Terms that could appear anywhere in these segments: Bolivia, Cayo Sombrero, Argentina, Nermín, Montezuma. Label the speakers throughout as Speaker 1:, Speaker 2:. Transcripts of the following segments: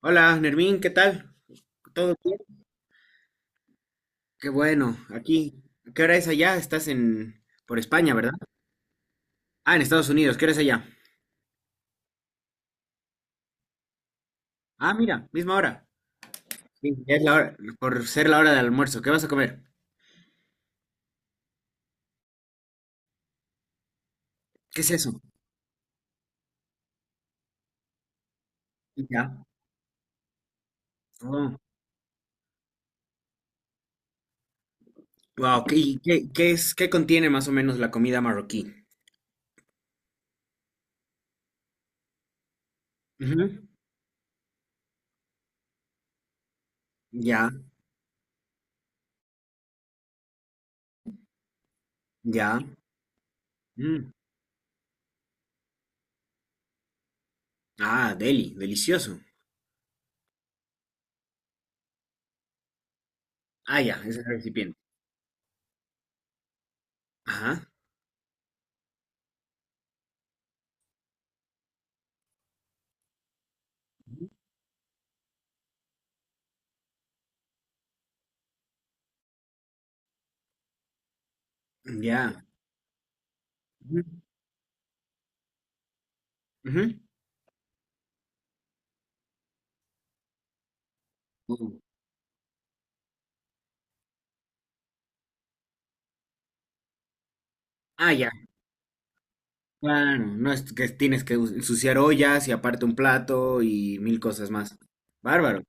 Speaker 1: Hola, Nermín, ¿qué tal? ¿Todo bien? Qué bueno, aquí. ¿Qué hora es allá? Estás en... por España, ¿verdad? Ah, en Estados Unidos, ¿qué hora es allá? Ah, mira, misma hora. Sí, ya es la hora, por ser la hora del almuerzo. ¿Qué vas a comer? ¿Qué es eso? Ya. Oh, wow, ¿qué, y qué, qué es, qué contiene más o menos la comida marroquí? Ujú, ya, ya. Mm. Ah, delicioso. Ah, ya, es el recipiente. Ajá, ya. Ujú, ujú. Uh, Ah, ya. Claro, no es que tienes que ensuciar ollas y aparte un plato y mil cosas más. Bárbaro.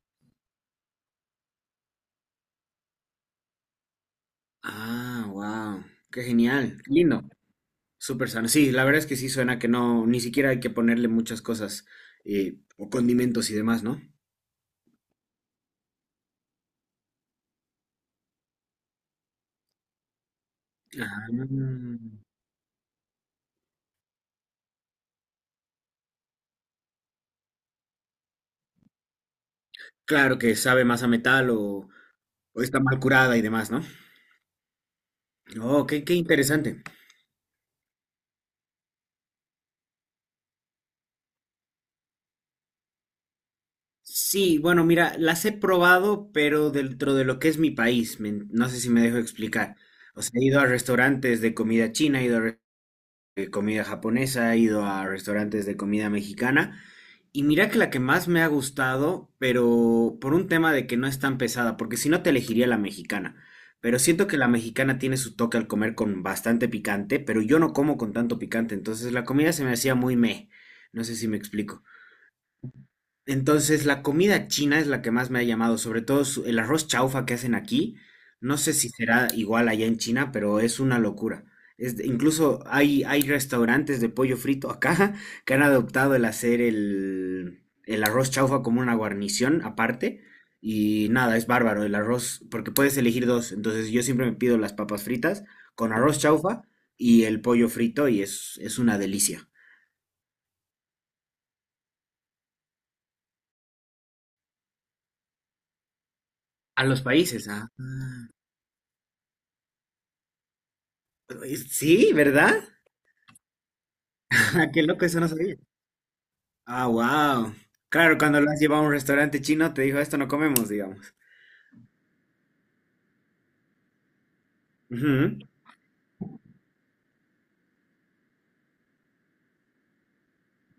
Speaker 1: Ah, wow. Qué genial. Qué lindo. Súper sano. Sí, la verdad es que sí suena que no, ni siquiera hay que ponerle muchas cosas o condimentos y demás, ¿no? Ah, claro que sabe más a metal o está mal curada y demás, ¿no? Oh, qué interesante. Sí, bueno, mira, las he probado, pero dentro de lo que es mi país, me no sé si me dejo explicar. O sea, he ido a restaurantes de comida china, he ido a re- de comida japonesa, he ido a restaurantes de comida mexicana, y mira que la que más me ha gustado, pero por un tema de que no es tan pesada, porque si no te elegiría la mexicana. Pero siento que la mexicana tiene su toque al comer con bastante picante, pero yo no como con tanto picante, entonces la comida se me hacía muy meh. No sé si me explico. Entonces, la comida china es la que más me ha llamado, sobre todo el arroz chaufa que hacen aquí. No sé si será igual allá en China, pero es una locura. Incluso hay restaurantes de pollo frito acá que han adoptado el hacer el arroz chaufa como una guarnición aparte. Y nada, es bárbaro el arroz, porque puedes elegir dos. Entonces, yo siempre me pido las papas fritas con arroz chaufa y el pollo frito, y es una delicia. A los países, ah. Sí, ¿verdad? Ah, qué loco, eso no sabía. Ah, wow. Claro, cuando lo has llevado a un restaurante chino, te dijo, esto no comemos, digamos. Ujú,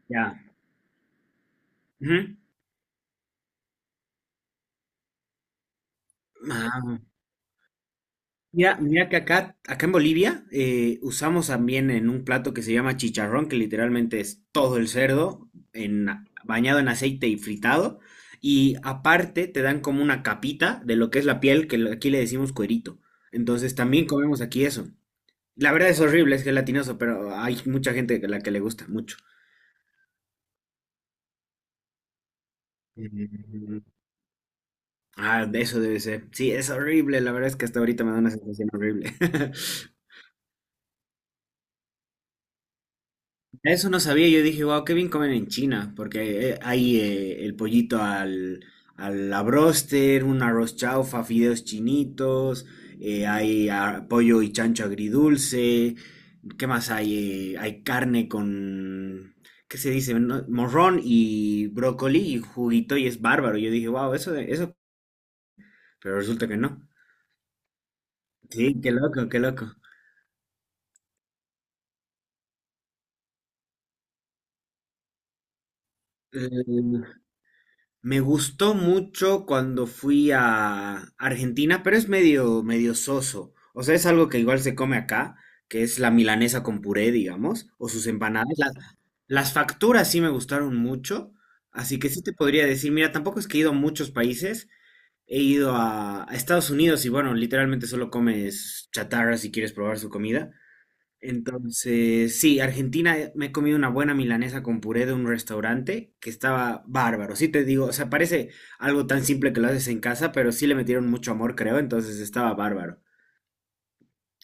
Speaker 1: ya. Ujú. Ah, mira, mira que acá en Bolivia usamos también en un plato que se llama chicharrón, que literalmente es todo el cerdo en, bañado en aceite y fritado. Y aparte te dan como una capita de lo que es la piel, aquí le decimos cuerito. Entonces también comemos aquí eso. La verdad es horrible, es gelatinoso, pero hay mucha gente a la que le gusta mucho. Mm, ah, de eso debe ser. Sí, es horrible. La verdad es que hasta ahorita me da una sensación horrible. Eso no sabía. Yo dije, wow, qué bien comen en China. Porque hay el pollito al, al la broster, un arroz chaufa, fideos chinitos. Pollo y chancho agridulce. ¿Qué más hay? Hay carne con. ¿Qué se dice? No, morrón y brócoli y juguito y es bárbaro. Yo dije, wow, eso, eso. Pero resulta que no. Sí, qué loco, qué loco. Eh, Me gustó mucho cuando fui a Argentina, pero es medio, medio soso. O sea, es algo que igual se come acá, que es la milanesa con puré, digamos, o sus empanadas. Las facturas sí me gustaron mucho, así que sí te podría decir, mira, tampoco es que he ido a muchos países, he ido a Estados Unidos y bueno, literalmente solo comes chatarra si quieres probar su comida. Entonces, sí, Argentina, me he comido una buena milanesa con puré de un restaurante que estaba bárbaro. Sí te digo, o sea, parece algo tan simple que lo haces en casa, pero sí le metieron mucho amor, creo, entonces estaba bárbaro.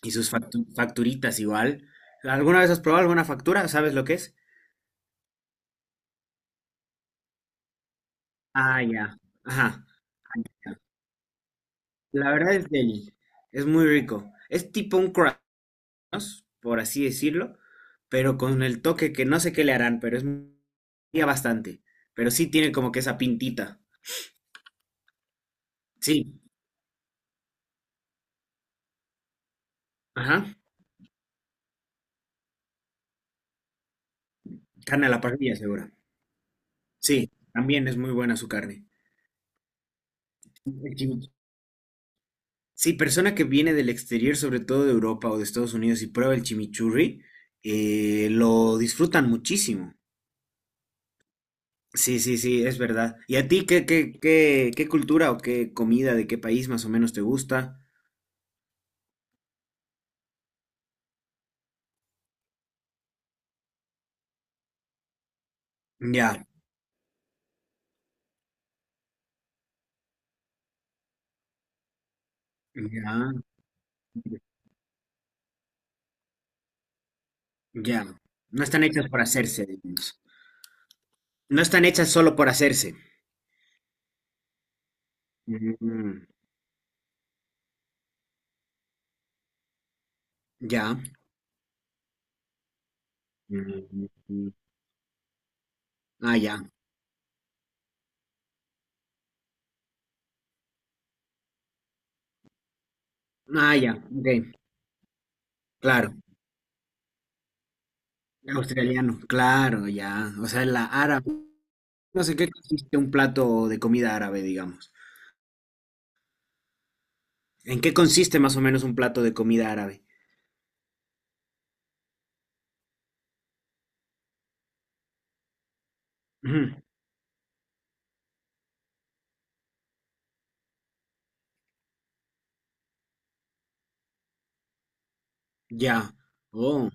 Speaker 1: Y sus facturitas igual. ¿Alguna vez has probado alguna factura? ¿Sabes lo que es? Ah, ya. Ajá. La verdad es deli. Es muy rico. Es tipo un crust, por así decirlo, pero con el toque que no sé qué le harán, pero es varía bastante. Pero sí tiene como que esa pintita. Sí, ajá. Carne a la parrilla, seguro. Sí, también es muy buena su carne. El sí, persona que viene del exterior, sobre todo de Europa o de Estados Unidos, y prueba el chimichurri, lo disfrutan muchísimo. Sí, sí, sí, es verdad. ¿Y a ti qué cultura o qué comida de qué país más o menos te gusta? Ya, ya. Ya. No están hechas por hacerse, digamos. No están hechas solo por hacerse. Mm, ya. Mm, ah, ya. Ah, ya. Ok, claro. Australiano, claro, ya. O sea, la árabe. No sé qué consiste un plato de comida árabe, digamos. ¿En qué consiste más o menos un plato de comida árabe? Ujú, ya. Oh.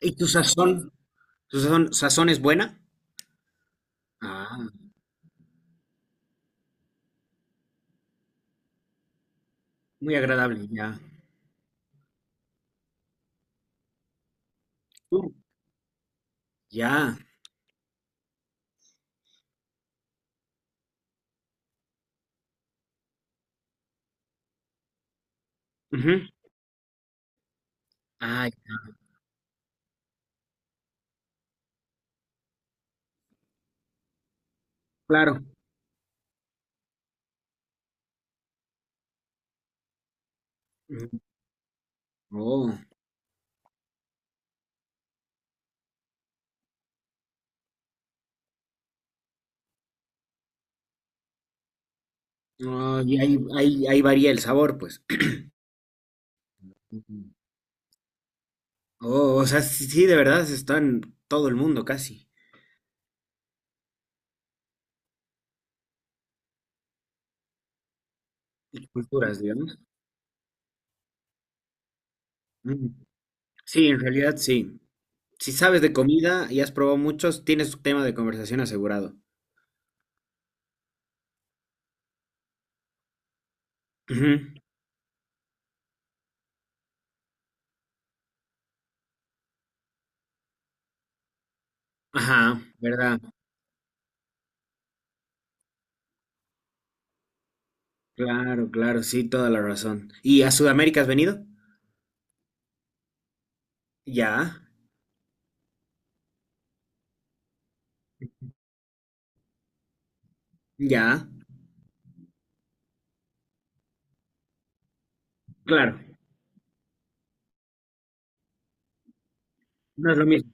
Speaker 1: ¿Y tu sazón? ¿Tu sazón, sazón es buena? Ah, muy agradable, ya. Uh, ya. Ujú. Ah, ya, claro. Oh, ah, y ahí varía el sabor, pues. Ujú. Oh, o sea, sí, sí, de verdad está en todo el mundo casi. Y culturas, digamos. Ujú. Sí, en realidad sí. Si sabes de comida y has probado muchos, tienes tu tema de conversación asegurado. Ujú. Ajá, ¿verdad? Claro, claro, sí, toda la razón. ¿Y a Sudamérica has venido? Ya, ya, claro, no es lo mismo.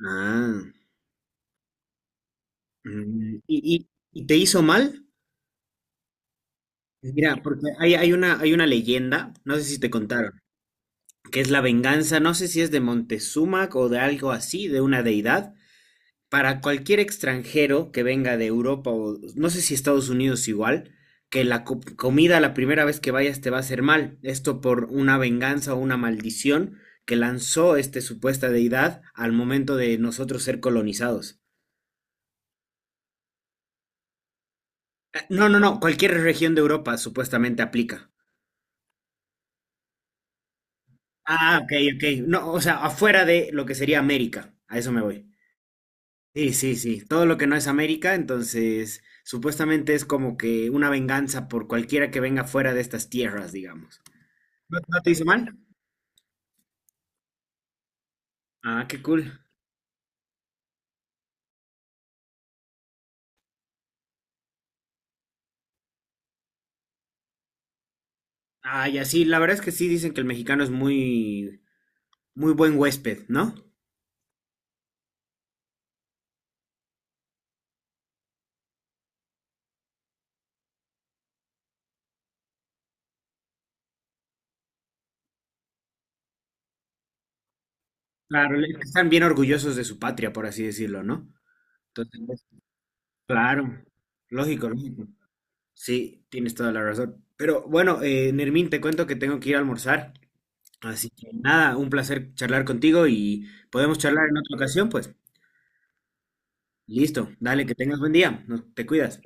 Speaker 1: Ah, mm, ¿y, te hizo mal? Pues mira, porque hay una leyenda, no sé si te contaron, que es la venganza, no sé si es de Montezuma o de algo así, de una deidad, para cualquier extranjero que venga de Europa o no sé si Estados Unidos igual, que la comida la primera vez que vayas te va a hacer mal. Esto por una venganza o una maldición que lanzó esta supuesta deidad al momento de nosotros ser colonizados. No, no, no, cualquier región de Europa supuestamente aplica. Ah, ok, ok. No, o sea, afuera de lo que sería América. A eso me voy. Sí, sí, sí. Todo lo que no es América, entonces supuestamente es como que una venganza por cualquiera que venga fuera de estas tierras, digamos. ¿No, no te hizo mal? Ah, qué cool. Ah, ya sí, la verdad es que sí dicen que el mexicano es muy, muy buen huésped, ¿no? Claro, están bien orgullosos de su patria, por así decirlo, ¿no? Entonces, pues, claro, lógico, lógico. Sí, tienes toda la razón. Pero bueno, Nermín, te cuento que tengo que ir a almorzar. Así que nada, un placer charlar contigo y podemos charlar en otra ocasión, pues. Listo, dale, que tengas buen día. Te cuidas.